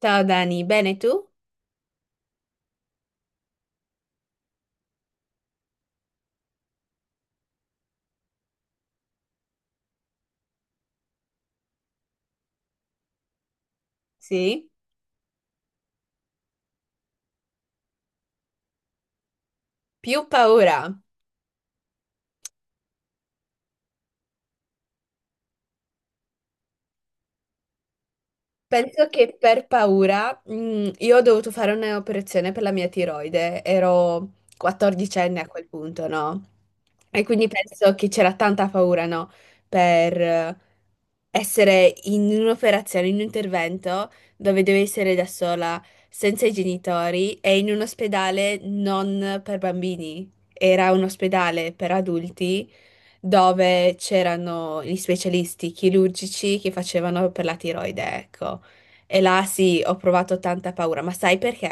Ciao Dani, bene tu? Sì? Più paura. Penso che per paura, io ho dovuto fare un'operazione per la mia tiroide, ero 14enne a quel punto, no? E quindi penso che c'era tanta paura, no? Per essere in un'operazione, in un intervento dove devi essere da sola, senza i genitori e in un ospedale non per bambini. Era un ospedale per adulti dove c'erano gli specialisti chirurgici che facevano per la tiroide, ecco. E là sì, ho provato tanta paura, ma sai perché?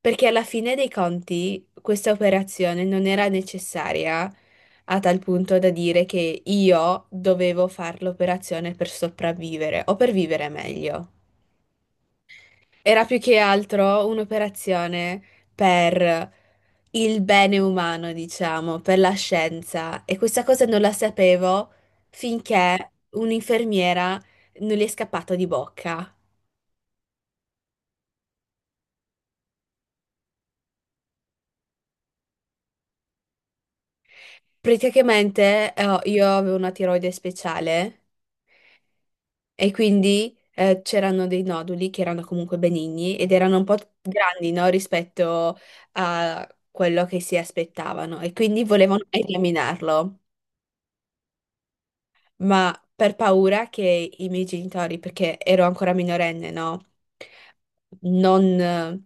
Perché alla fine dei conti questa operazione non era necessaria a tal punto da dire che io dovevo fare l'operazione per sopravvivere o per vivere meglio. Era più che altro un'operazione per il bene umano, diciamo, per la scienza. E questa cosa non la sapevo finché un'infermiera non gli è scappato di bocca. Praticamente io avevo una tiroide speciale e quindi c'erano dei noduli che erano comunque benigni ed erano un po' grandi, no, rispetto a quello che si aspettavano e quindi volevano eliminarlo. Ma per paura che i miei genitori, perché ero ancora minorenne, no? Non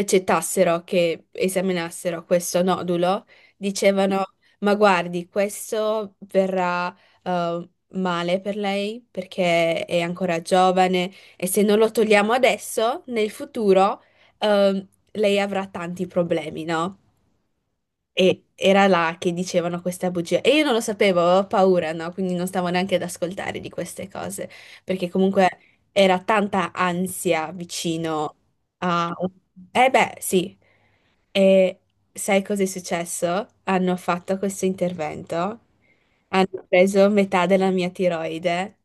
accettassero che esaminassero questo nodulo, dicevano: "Ma guardi, questo verrà eh, male per lei perché è ancora giovane e se non lo togliamo adesso, nel futuro eh, lei avrà tanti problemi, no?" E era là che dicevano questa bugia. E io non lo sapevo, avevo paura, no? Quindi non stavo neanche ad ascoltare di queste cose, perché comunque era tanta ansia vicino a... Eh beh, sì. E sai cosa è successo? Hanno fatto questo intervento, hanno preso metà della mia tiroide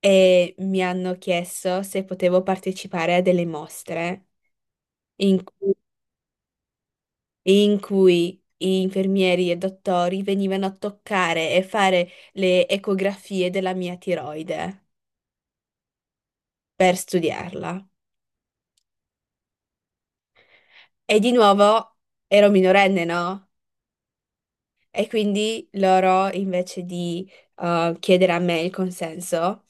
e mi hanno chiesto se potevo partecipare a delle mostre in cui infermieri e dottori venivano a toccare e fare le ecografie della mia tiroide per studiarla. E di nuovo ero minorenne, no? E quindi loro, invece di chiedere a me il consenso,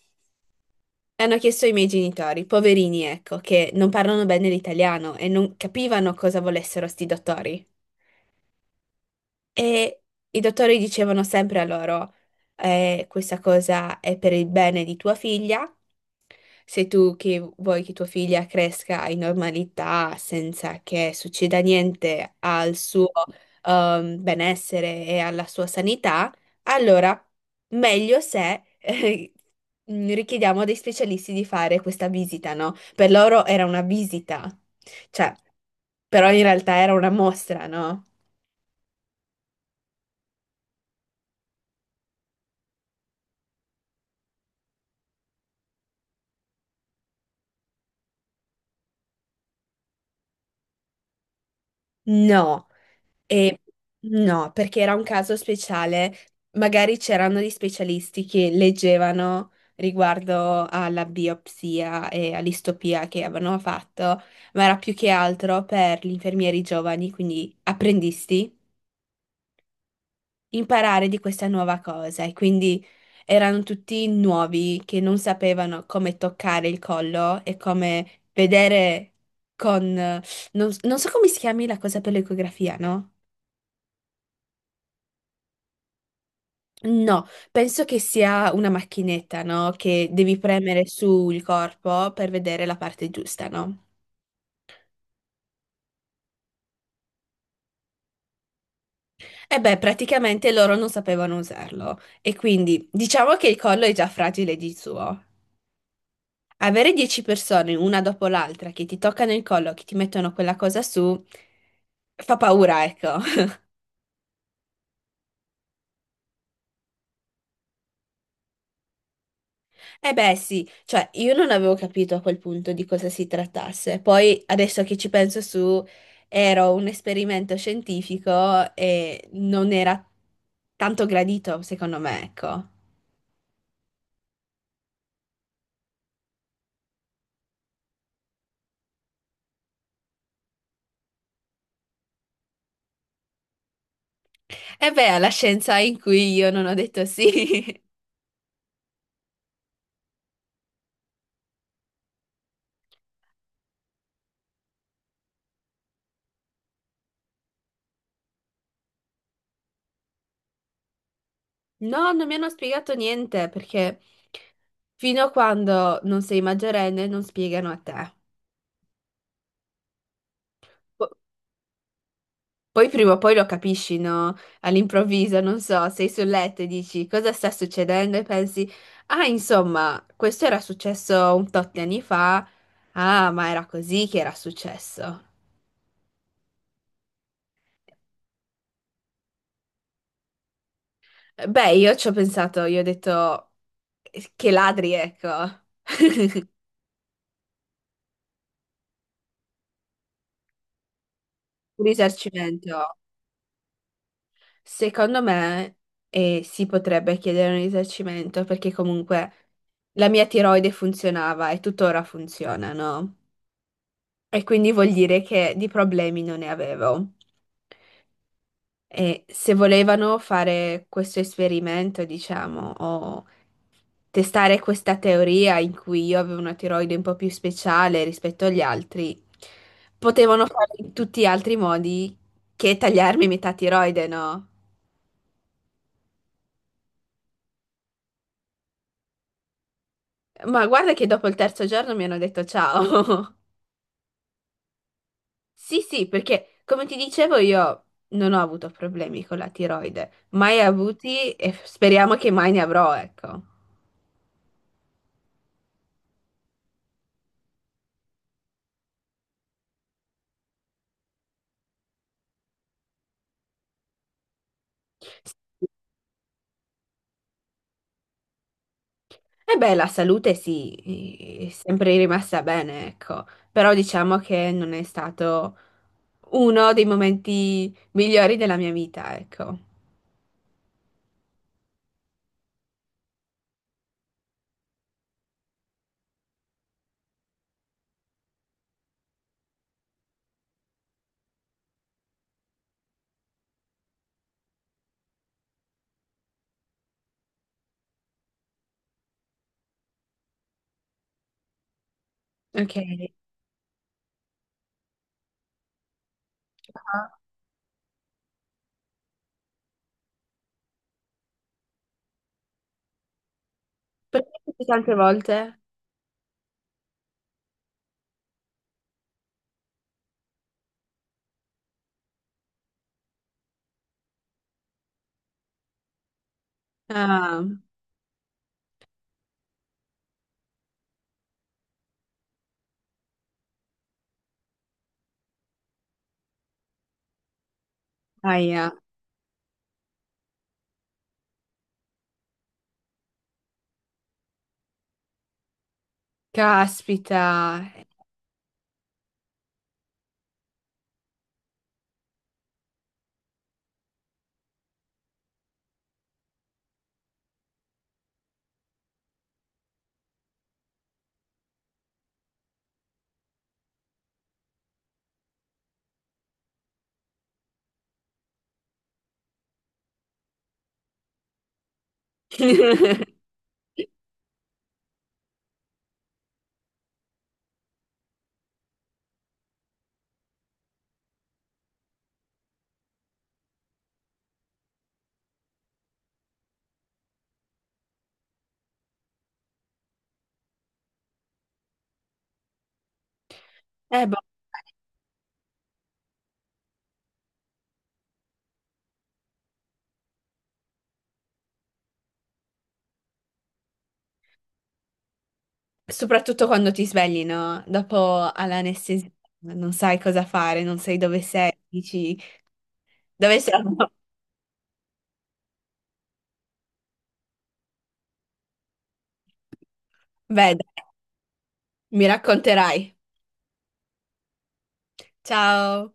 hanno chiesto ai miei genitori, poverini, ecco, che non parlano bene l'italiano e non capivano cosa volessero sti dottori. E i dottori dicevano sempre a loro, questa cosa è per il bene di tua figlia, se tu che vuoi che tua figlia cresca in normalità senza che succeda niente al suo benessere e alla sua sanità, allora meglio se richiediamo a dei specialisti di fare questa visita, no? Per loro era una visita, cioè, però in realtà era una mostra, no? No. E no, perché era un caso speciale, magari c'erano gli specialisti che leggevano riguardo alla biopsia e all'istopia che avevano fatto, ma era più che altro per gli infermieri giovani, quindi apprendisti, imparare di questa nuova cosa. E quindi erano tutti nuovi che non sapevano come toccare il collo e come vedere con... Non so come si chiami la cosa per l'ecografia, no? No, penso che sia una macchinetta, no? Che devi premere sul corpo per vedere la parte giusta, no? E beh, praticamente loro non sapevano usarlo e quindi diciamo che il collo è già fragile di suo. Avere 10 persone, una dopo l'altra, che ti toccano il collo, che ti mettono quella cosa su, fa paura, ecco. Eh beh sì, cioè io non avevo capito a quel punto di cosa si trattasse, poi adesso che ci penso su, era un esperimento scientifico e non era tanto gradito secondo me, ecco. E beh, alla scienza in cui io non ho detto sì. No, non mi hanno spiegato niente perché fino a quando non sei maggiorenne non spiegano a te. Poi prima o poi lo capisci, no? All'improvviso, non so, sei sul letto e dici cosa sta succedendo e pensi, ah, insomma, questo era successo un tot di anni fa, ah, ma era così che era successo. Beh, io ci ho pensato, io ho detto: che ladri, ecco, un risarcimento." Secondo me si potrebbe chiedere un risarcimento perché comunque la mia tiroide funzionava e tuttora funziona, no? E quindi vuol dire che di problemi non ne avevo. E se volevano fare questo esperimento, diciamo, o testare questa teoria in cui io avevo una tiroide un po' più speciale rispetto agli altri, potevano fare in tutti gli altri modi che tagliarmi metà tiroide, no? Ma guarda che dopo il terzo giorno mi hanno detto ciao. Sì, sì, perché come ti dicevo io non ho avuto problemi con la tiroide, mai avuti e f- speriamo che mai ne avrò, ecco. E beh, la salute sì, è sempre rimasta bene, ecco, però diciamo che non è stato uno dei momenti migliori della mia vita, ecco. Ok. Ah, perché tutte tante volte? Ah, aia, caspita. Boh. Soprattutto quando ti svegli, no? Dopo all'anestesia non sai cosa fare, non sai dove sei, dici dove siamo? Beh, dai, mi racconterai. Ciao!